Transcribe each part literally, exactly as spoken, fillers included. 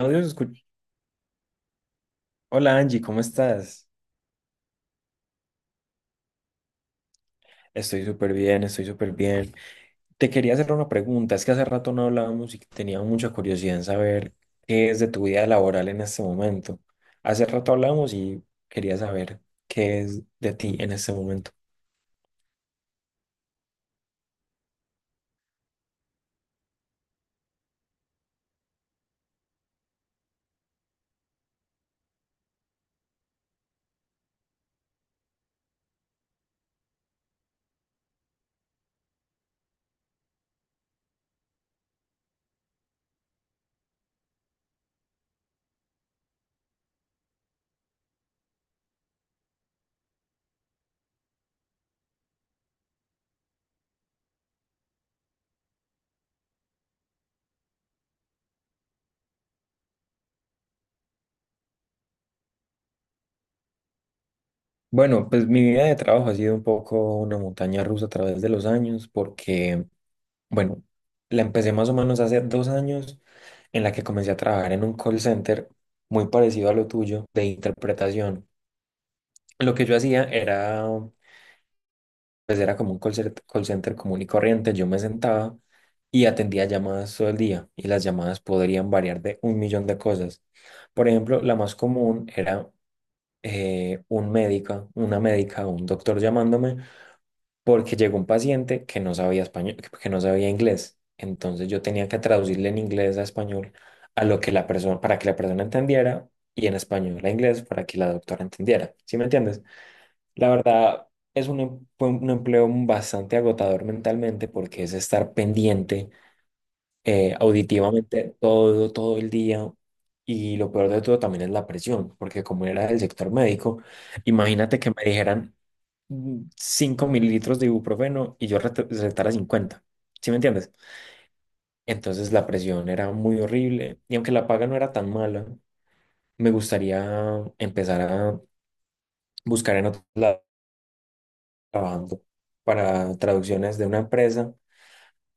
Audio se escu- Hola Angie, ¿cómo estás? Estoy súper bien, estoy súper bien. Te quería hacer una pregunta, es que hace rato no hablábamos y tenía mucha curiosidad en saber qué es de tu vida laboral en este momento. Hace rato hablamos y quería saber qué es de ti en este momento. Bueno, pues mi vida de trabajo ha sido un poco una montaña rusa a través de los años porque, bueno, la empecé más o menos hace dos años en la que comencé a trabajar en un call center muy parecido a lo tuyo de interpretación. Lo que yo hacía era, pues era como un call center, call center común y corriente. Yo me sentaba y atendía llamadas todo el día y las llamadas podrían variar de un millón de cosas. Por ejemplo, la más común era eh, un médico, una médica o un doctor llamándome porque llegó un paciente que no sabía español, que no sabía inglés. Entonces yo tenía que traducirle en inglés a español a lo que la persona, para que la persona entendiera y en español a inglés para que la doctora entendiera. ¿Sí me entiendes? La verdad, es un, em- fue un empleo bastante agotador mentalmente porque es estar pendiente eh, auditivamente todo, todo el día. Y lo peor de todo también es la presión, porque como era del sector médico, imagínate que me dijeran mm, cinco mililitros de ibuprofeno y yo rete- recetara cincuenta. ¿Sí me entiendes? Entonces la presión era muy horrible y aunque la paga no era tan mala, me gustaría empezar a buscar en otros lados trabajando para traducciones de una empresa,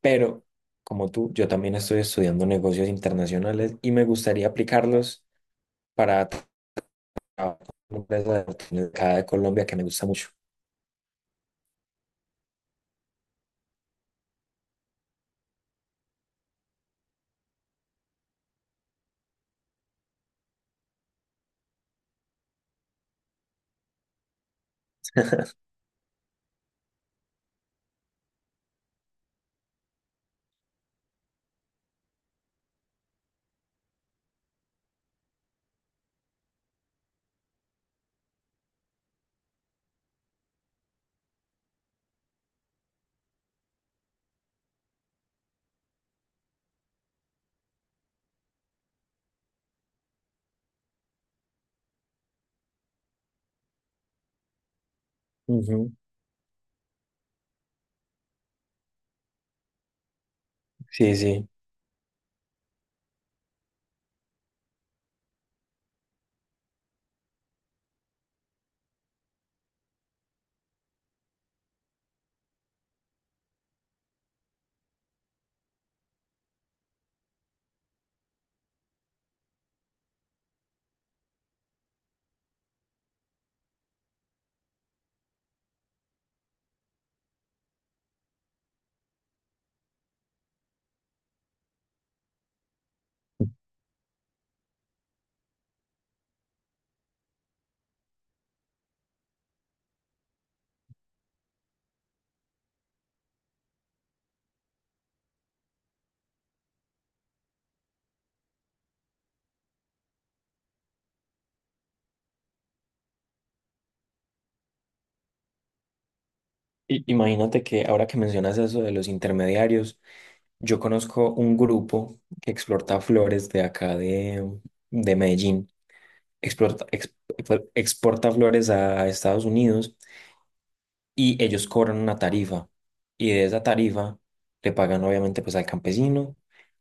pero como tú, yo también estoy estudiando negocios internacionales y me gustaría aplicarlos para trabajar con una empresa de acá de Colombia que me gusta mucho. Ujú. Sí, sí. I- imagínate que ahora que mencionas eso de los intermediarios, yo conozco un grupo que exporta flores de acá de, de Medellín, exporta, ex- exporta flores a Estados Unidos y ellos cobran una tarifa y de esa tarifa le pagan obviamente pues al campesino,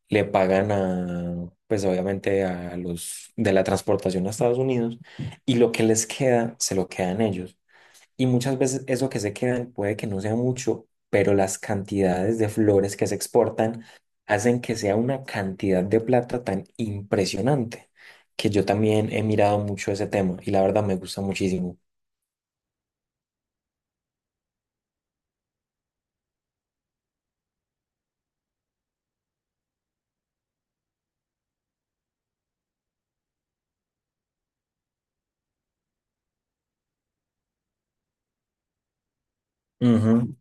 le pagan a pues obviamente a los de la transportación a Estados Unidos y lo que les queda se lo quedan ellos. Y muchas veces eso que se quedan puede que no sea mucho, pero las cantidades de flores que se exportan hacen que sea una cantidad de plata tan impresionante que yo también he mirado mucho ese tema y la verdad me gusta muchísimo. Ujú.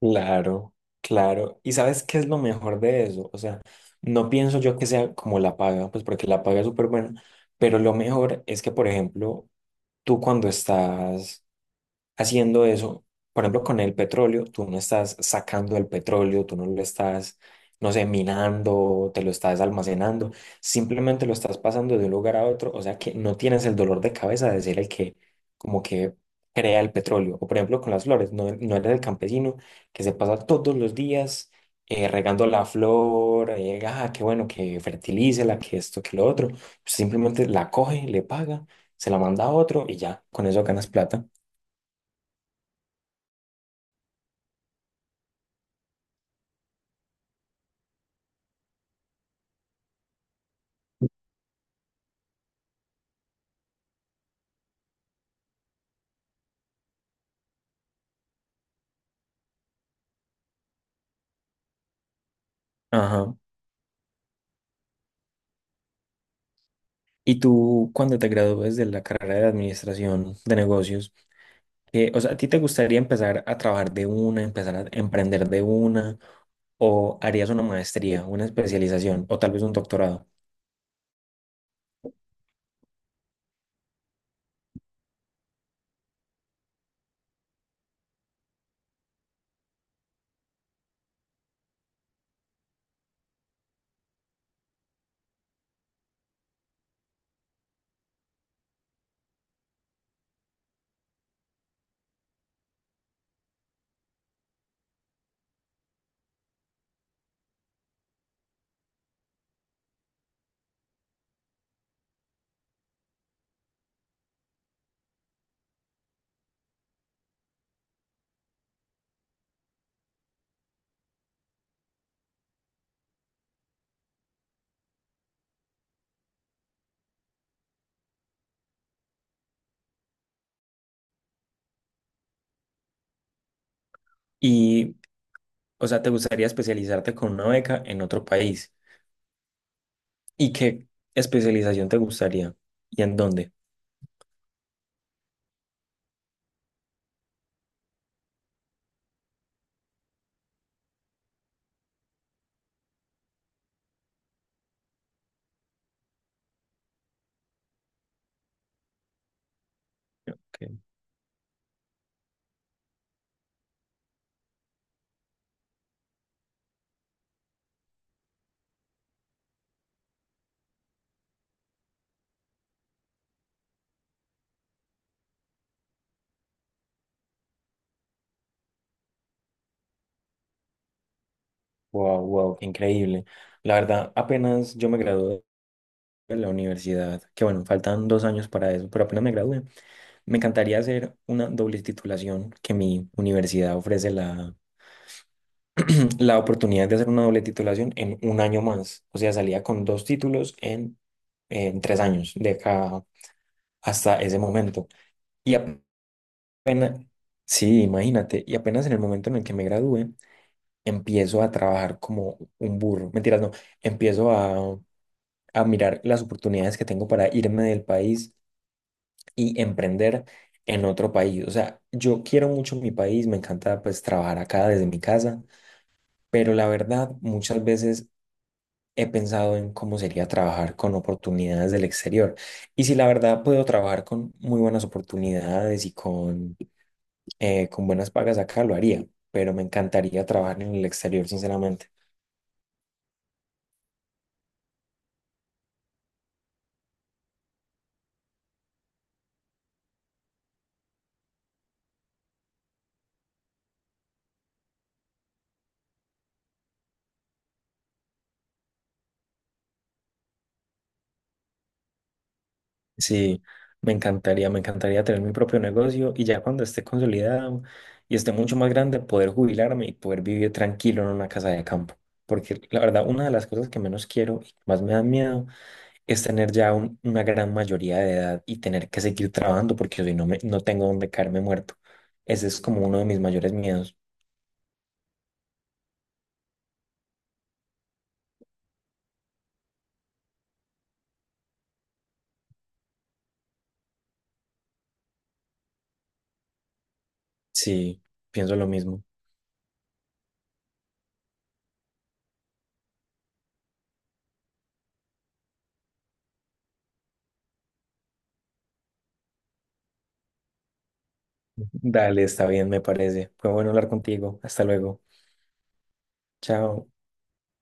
Claro, claro. ¿Y sabes qué es lo mejor de eso? O sea, no pienso yo que sea como la paga, pues porque la paga es súper buena, pero lo mejor es que, por ejemplo, tú cuando estás haciendo eso, por ejemplo, con el petróleo, tú no estás sacando el petróleo, tú no lo estás, no sé, minando, te lo estás almacenando, simplemente lo estás pasando de un lugar a otro, o sea que no tienes el dolor de cabeza de ser el que como que crea el petróleo. O por ejemplo, con las flores, no, no eres el campesino que se pasa todos los días, eh, regando la flor, eh, ah, qué bueno que fertilice la, que esto, que lo otro, simplemente la coge, le paga, se la manda a otro y ya, con eso ganas plata. Ajá. Y tú, cuando te gradúes de la carrera de administración de negocios, eh, o sea, ¿a ti te gustaría empezar a trabajar de una, empezar a emprender de una, o harías una maestría, una especialización, o tal vez un doctorado? Y, o sea, ¿te gustaría especializarte con una beca en otro país? ¿Y qué especialización te gustaría? ¿Y en dónde? Ok. Wow, wow, qué increíble. La verdad, apenas yo me gradué de la universidad, que bueno, faltan dos años para eso, pero apenas me gradué. Me encantaría hacer una doble titulación, que mi universidad ofrece la, la oportunidad de hacer una doble titulación en un año más. O sea, salía con dos títulos en, en tres años, de acá hasta ese momento. Y apenas, sí, imagínate, y apenas en el momento en el que me gradúe, empiezo a trabajar como un burro. Mentiras, no, empiezo a, a mirar las oportunidades que tengo para irme del país y emprender en otro país. O sea, yo quiero mucho mi país, me encanta pues trabajar acá desde mi casa, pero la verdad muchas veces he pensado en cómo sería trabajar con oportunidades del exterior. Y si la verdad puedo trabajar con muy buenas oportunidades y con, eh, con buenas pagas acá, lo haría, pero me encantaría trabajar en el exterior, sinceramente. Sí, me encantaría, me encantaría tener mi propio negocio y ya cuando esté consolidado y esté mucho más grande, poder jubilarme y poder vivir tranquilo en una casa de campo. Porque la verdad, una de las cosas que menos quiero y que más me da miedo es tener ya un- una gran mayoría de edad y tener que seguir trabajando porque si no, me, no tengo donde caerme muerto. Ese es como uno de mis mayores miedos. Sí, pienso lo mismo. Dale, está bien, me parece. Fue bueno hablar contigo. Hasta luego. Chao.